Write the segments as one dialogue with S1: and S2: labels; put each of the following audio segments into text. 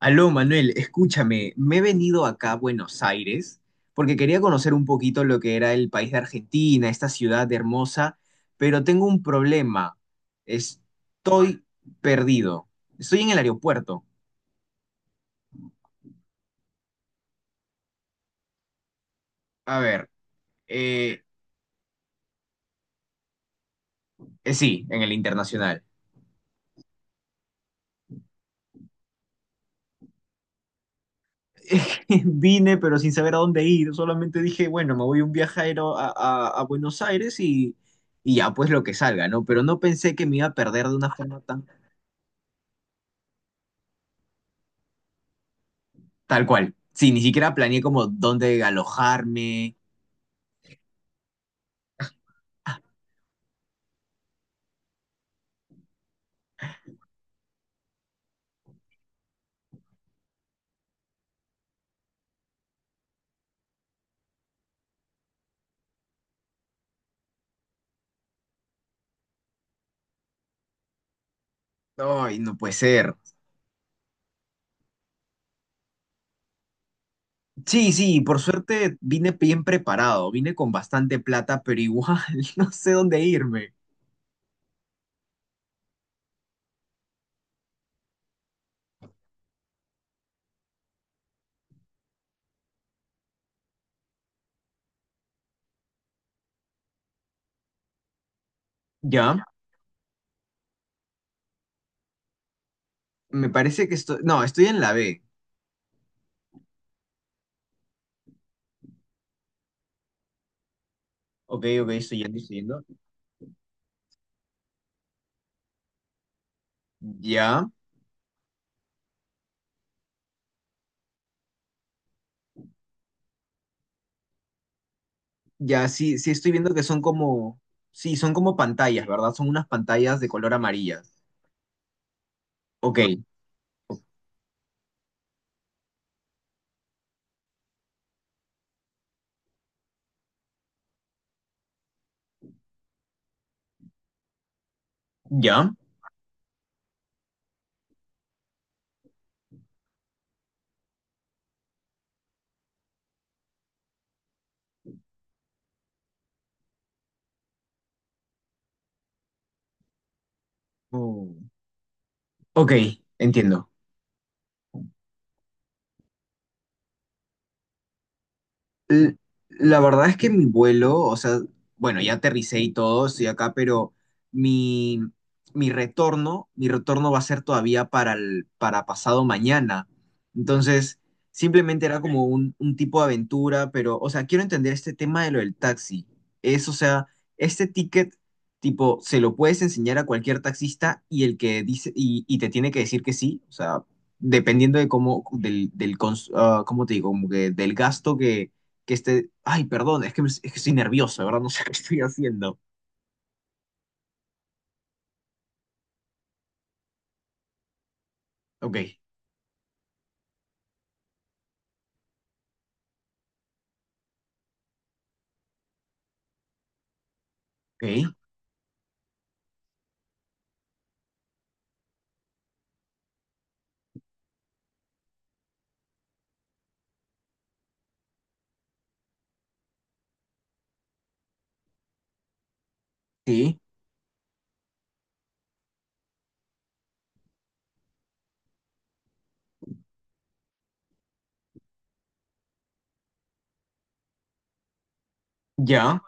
S1: Aló, Manuel, escúchame, me he venido acá a Buenos Aires porque quería conocer un poquito lo que era el país de Argentina, esta ciudad hermosa, pero tengo un problema. Estoy perdido. Estoy en el aeropuerto. A ver, eh, sí, en el internacional. Vine, pero sin saber a dónde ir. Solamente dije, bueno, me voy un viajero a Buenos Aires y ya, pues lo que salga, ¿no? Pero no pensé que me iba a perder de una forma tan. Tal cual. Sí, ni siquiera planeé como dónde alojarme. Ay, no puede ser. Sí, sí, por suerte vine bien preparado, vine con bastante plata, pero igual no sé dónde irme. Ya, me parece que estoy, no, estoy en la B. Ok, ok, estoy yendo, estoy yendo. Ya, ya, sí, sí, estoy viendo que son como, sí, son como pantallas, ¿verdad? Son unas pantallas de color amarillas. Ok, ya. Mm. Ok, entiendo. L- La verdad es que mi vuelo, o sea, bueno, ya aterricé y todo, estoy acá, pero mi, mi retorno va a ser todavía para para pasado mañana. Entonces, simplemente era como un tipo de aventura, pero, o sea, quiero entender este tema de lo del taxi. Es, o sea, este ticket, tipo, se lo puedes enseñar a cualquier taxista y el que dice, y te tiene que decir que sí, o sea, dependiendo de cómo, cons- ah, ¿cómo te digo? Como que del gasto que esté, ay, perdón, es que, es que estoy nervioso, de ¿verdad? No sé qué estoy haciendo. Ok, ok, sí, ya.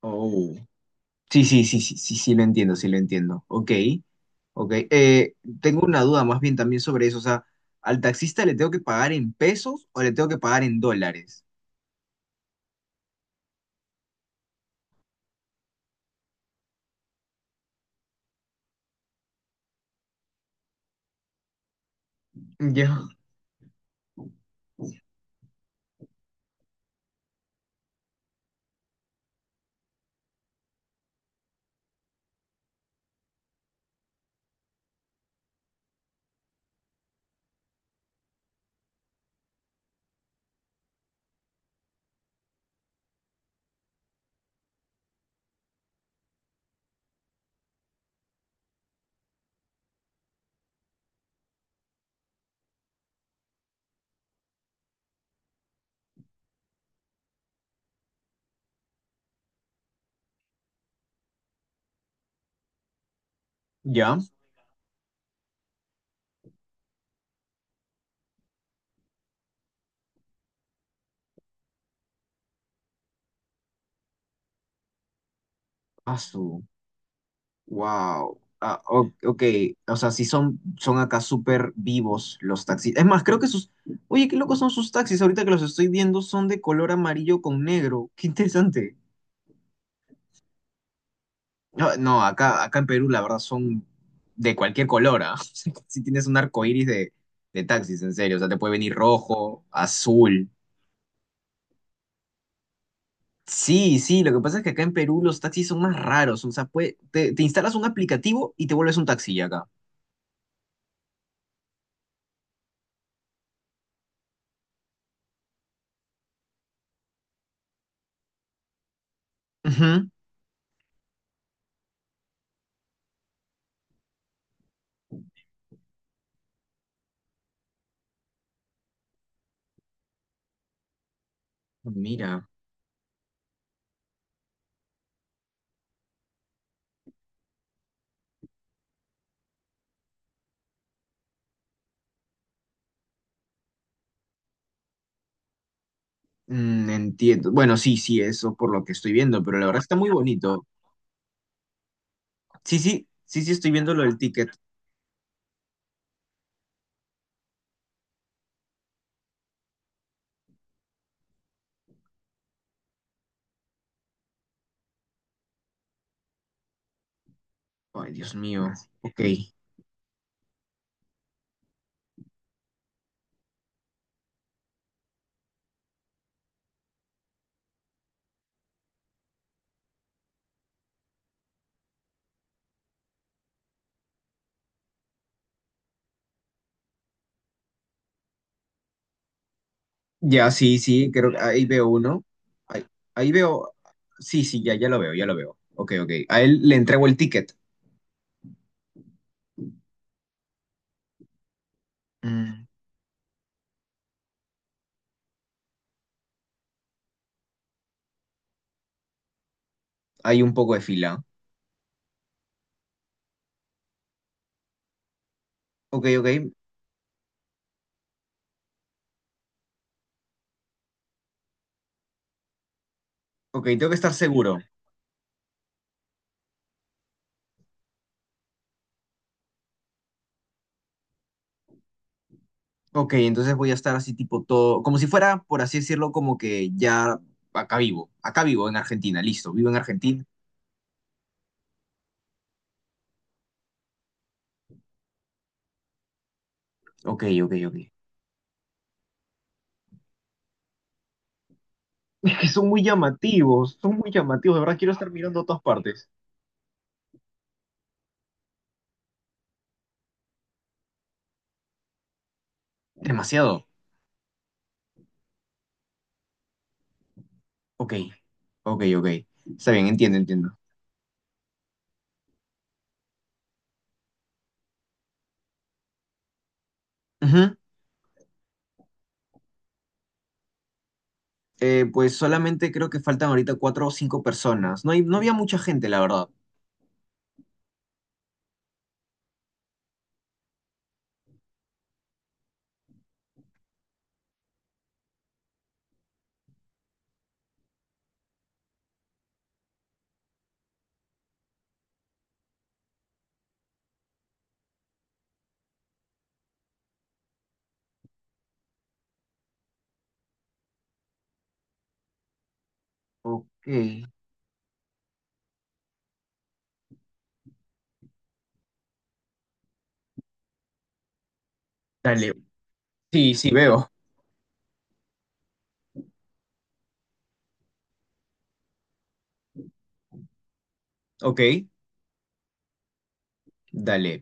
S1: Oh. Sí, sí, sí, sí, sí, sí, lo entiendo, sí, lo entiendo. Ok, ok. Tengo una duda más bien también sobre eso. O sea, ¿al taxista le tengo que pagar en pesos o le tengo que pagar en dólares? Ya, ya. Ah, wow. Ah, ok, o sea, sí son, son acá súper vivos los taxis. Es más, creo que sus... Oye, qué locos son sus taxis. Ahorita que los estoy viendo son de color amarillo con negro. Qué interesante. No, no, acá, acá en Perú la verdad son de cualquier color, ¿ah? Si tienes un arco iris de taxis, en serio. O sea, te puede venir rojo, azul. Sí, sí, lo que pasa es que acá en Perú los taxis son más raros. O sea, te, te instalas un aplicativo y te vuelves un taxi acá. Ujú. Mira. Mm, entiendo. Bueno, sí, sí, eso por lo que estoy viendo, pero la verdad está muy bonito. Sí, sí, sí, sí, estoy viendo lo del ticket. Ay, Dios mío. Ok. Ya, sí, sí, creo que ahí veo uno. Ahí, ahí veo. Sí, sí, ya, ya lo veo, ya lo veo. Ok, ok. A él le entrego el ticket. Mm, hay un poco de fila. Ok, ok. Ok, tengo que estar seguro. Ok, entonces voy a estar así tipo todo, como si fuera, por así decirlo, como que ya acá vivo. Acá vivo en Argentina, listo. Vivo en Argentina. Ok, ok, ok. Es que son muy llamativos, de verdad quiero estar mirando a todas partes. Demasiado. Ok, ok, ok. Está bien, entiendo, entiendo. Ujú. Pues solamente creo que faltan ahorita cuatro o cinco personas. No hay, no había mucha gente, la verdad. Ok. Dale. Sí, sí, veo. Ok. Dale,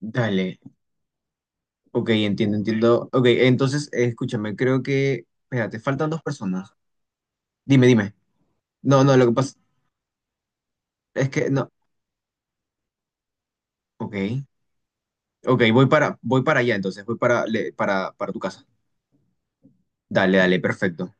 S1: dale. Ok, entiendo, entiendo. Ok, entonces, escúchame, creo que... Espérate, faltan dos personas. Dime, dime. No, no, lo que pasa es que no. Ok. Ok, voy para, voy para allá entonces, voy para, para tu casa. Dale, dale, perfecto.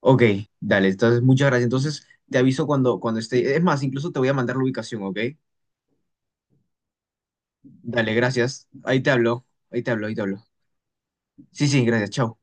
S1: Ok, dale, entonces muchas gracias. Entonces te aviso cuando, cuando esté. Es más, incluso te voy a mandar la ubicación, ¿ok? Dale, gracias. Ahí te hablo, ahí te hablo, ahí te hablo. Sí, sí, gracias, chao.